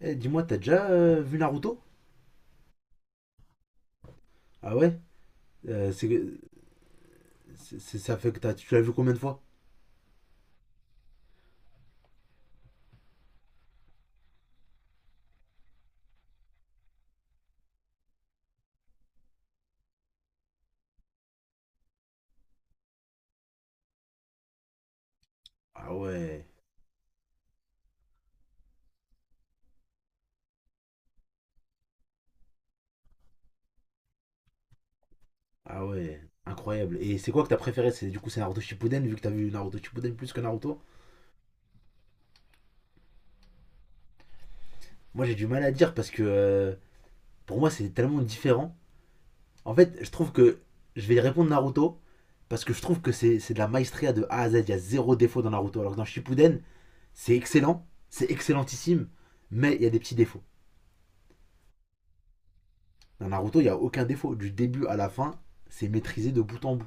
Eh, dis-moi, t'as déjà vu Naruto? Ah ouais? Euh, c'est, que- Ça fait que tu l'as vu combien de fois? Ah ouais, ah ouais, incroyable. Et c'est quoi que t'as préféré? C'est, du coup, c'est Naruto Shippuden, vu que t'as vu Naruto Shippuden plus que Naruto? Moi, j'ai du mal à dire parce que pour moi, c'est tellement différent. En fait, je trouve que je vais répondre Naruto parce que je trouve que c'est de la maestria de A à Z. Il y a zéro défaut dans Naruto. Alors que dans Shippuden, c'est excellent, c'est excellentissime, mais il y a des petits défauts. Dans Naruto, il n'y a aucun défaut. Du début à la fin, c'est maîtrisé de bout en bout.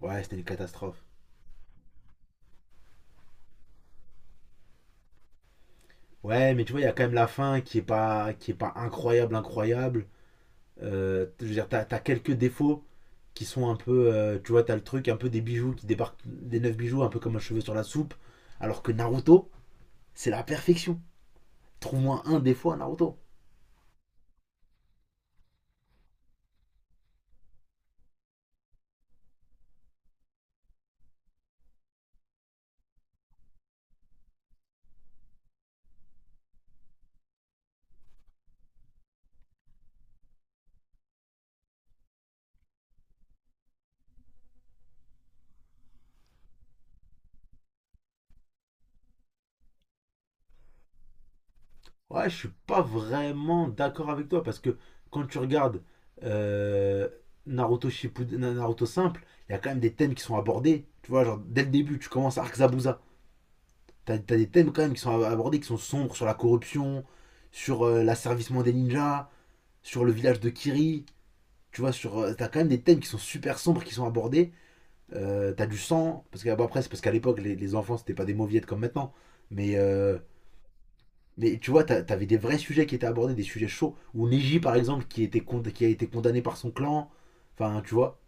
Ouais, c'était une catastrophe. Ouais, mais tu vois, il y a quand même la fin qui est pas incroyable, incroyable. Je veux dire, t'as as quelques défauts qui sont un peu. Tu vois, t'as le truc, un peu des bijoux qui débarquent, des neuf bijoux, un peu comme un cheveu sur la soupe. Alors que Naruto, c'est la perfection. Trouve-moi un défaut à Naruto. Ouais, je suis pas vraiment d'accord avec toi parce que quand tu regardes euh, Naruto Shippuden, Naruto simple, il y a quand même des thèmes qui sont abordés. Tu vois, genre dès le début, tu commences Arc Zabuza. T'as des thèmes quand même qui sont abordés, qui sont sombres sur la corruption, sur l'asservissement des ninjas, sur le village de Kiri. Tu vois, sur, t'as quand même des thèmes qui sont super sombres, qui sont abordés. T'as du sang, parce que bon, après, c'est parce qu'à l'époque, les enfants, c'était pas des mauviettes comme maintenant. Mais euh, mais tu vois, t'avais des vrais sujets qui étaient abordés, des sujets chauds. Ou Neji, par exemple, qui, qui a été condamné par son clan. Enfin, tu vois.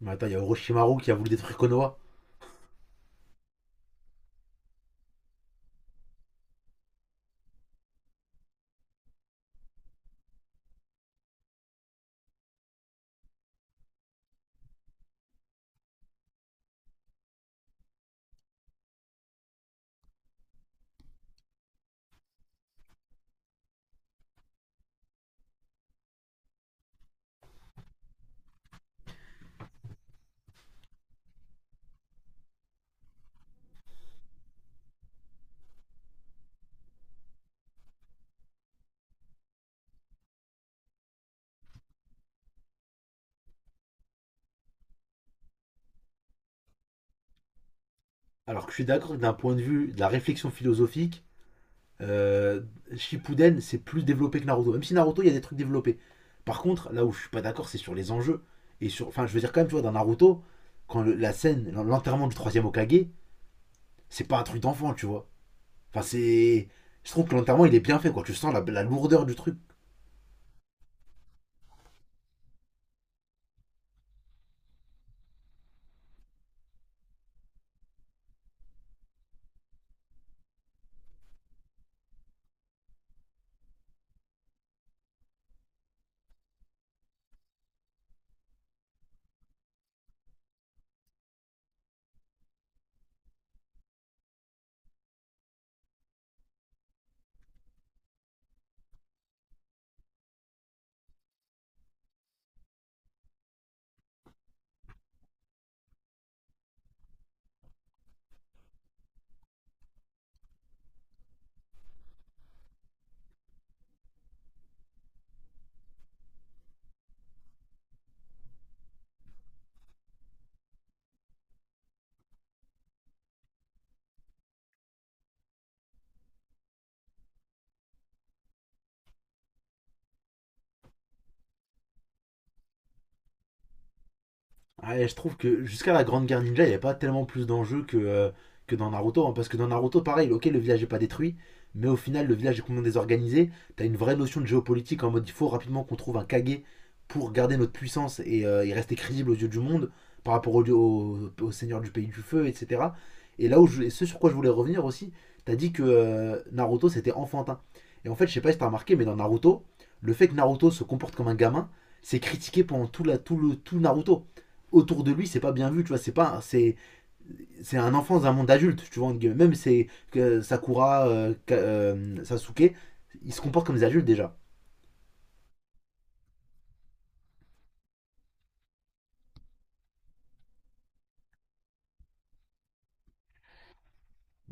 Mais attends, il y a Orochimaru qui a voulu détruire Konoha. Alors que je suis d'accord que d'un point de vue de la réflexion philosophique, euh, Shippuden, c'est plus développé que Naruto. Même si Naruto, il y a des trucs développés. Par contre, là où je suis pas d'accord, c'est sur les enjeux. Et sur, enfin, je veux dire quand même, tu vois, dans Naruto, quand la scène, l'enterrement du troisième Hokage c'est pas un truc d'enfant, tu vois. Enfin, c'est, je trouve que l'enterrement, il est bien fait, quoi. Tu sens la lourdeur du truc. Ouais, je trouve que jusqu'à la Grande Guerre Ninja, il n'y a pas tellement plus d'enjeux que dans Naruto. Hein, parce que dans Naruto, pareil, ok, le village n'est pas détruit, mais au final, le village est complètement désorganisé. T'as une vraie notion de géopolitique en mode il faut rapidement qu'on trouve un Kage pour garder notre puissance et rester crédible aux yeux du monde par rapport au seigneur du pays du feu, etc. Et là où et ce sur quoi je voulais revenir aussi, t'as dit que Naruto c'était enfantin. Et en fait, je sais pas si t'as remarqué, mais dans Naruto, le fait que Naruto se comporte comme un gamin, c'est critiqué pendant tout, la, tout, le, tout Naruto autour de lui, c'est pas bien vu, tu vois, c'est pas c'est c'est un enfant dans un monde adulte, tu vois, même c'est que Sakura Sasuke, ils se comportent comme des adultes déjà.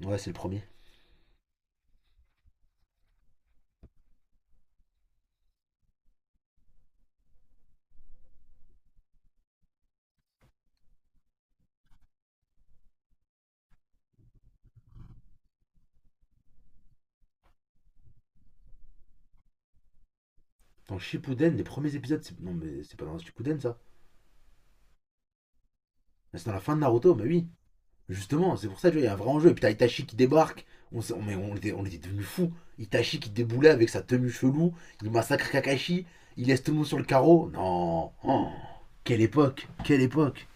Ouais, c'est le premier. Dans Shippuden, les premiers épisodes, non mais c'est pas dans Shippuden ça. C'est dans la fin de Naruto, mais oui. Justement, c'est pour ça tu vois, il y a un vrai enjeu et puis t'as Itachi qui débarque. Mais on était devenu fou. Itachi qui déboulait avec sa tenue chelou, il massacre Kakashi, il laisse tout le monde sur le carreau. Non. Oh, quelle époque, quelle époque.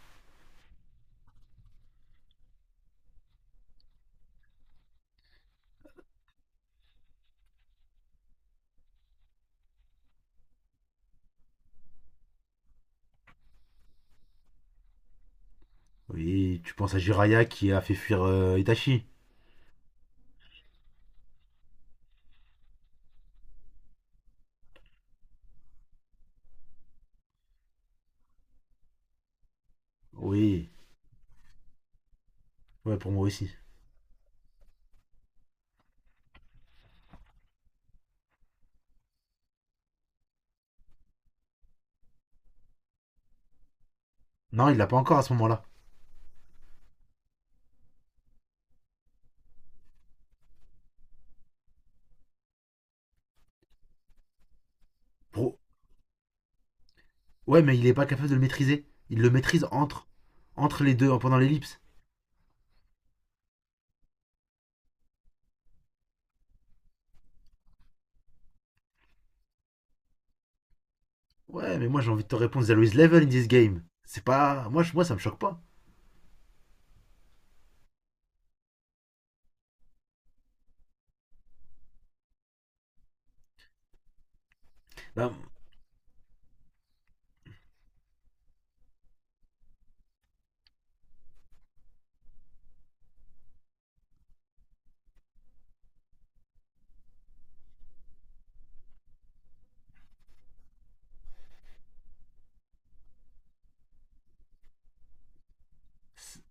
Oui, tu penses à Jiraya qui a fait fuir Itachi. Oui, ouais, pour moi aussi. Non, il l'a pas encore à ce moment-là. Pour- Ouais, mais il est pas capable de le maîtriser. Il le maîtrise entre les deux, pendant l'ellipse. Ouais, mais moi j'ai envie de te répondre, there is level in this game. C'est pas. Moi, moi ça me choque pas. Non, c'est-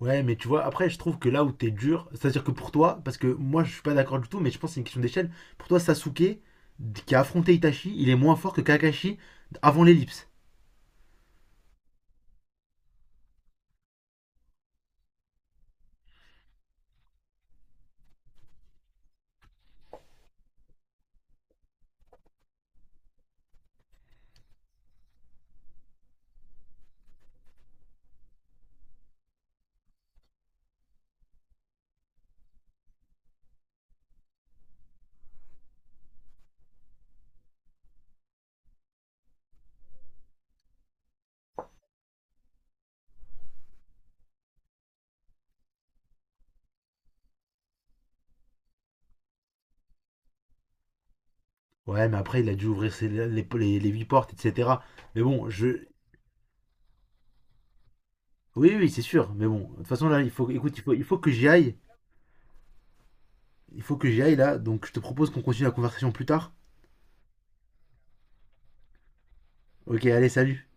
ouais, mais tu vois, après, je trouve que là où t'es dur, c'est-à-dire que pour toi, parce que moi je suis pas d'accord du tout, mais je pense que c'est une question d'échelle. Pour toi, Sasuke, qui a affronté Itachi, il est moins fort que Kakashi avant l'ellipse. Ouais, mais après, il a dû ouvrir les huit portes, etc. Mais bon, je. Oui, oui, c'est sûr. Mais bon, de toute façon, là, il faut. Écoute, il faut que j'y aille. Il faut que j'y aille, là. Donc, je te propose qu'on continue la conversation plus tard. Ok, allez, salut.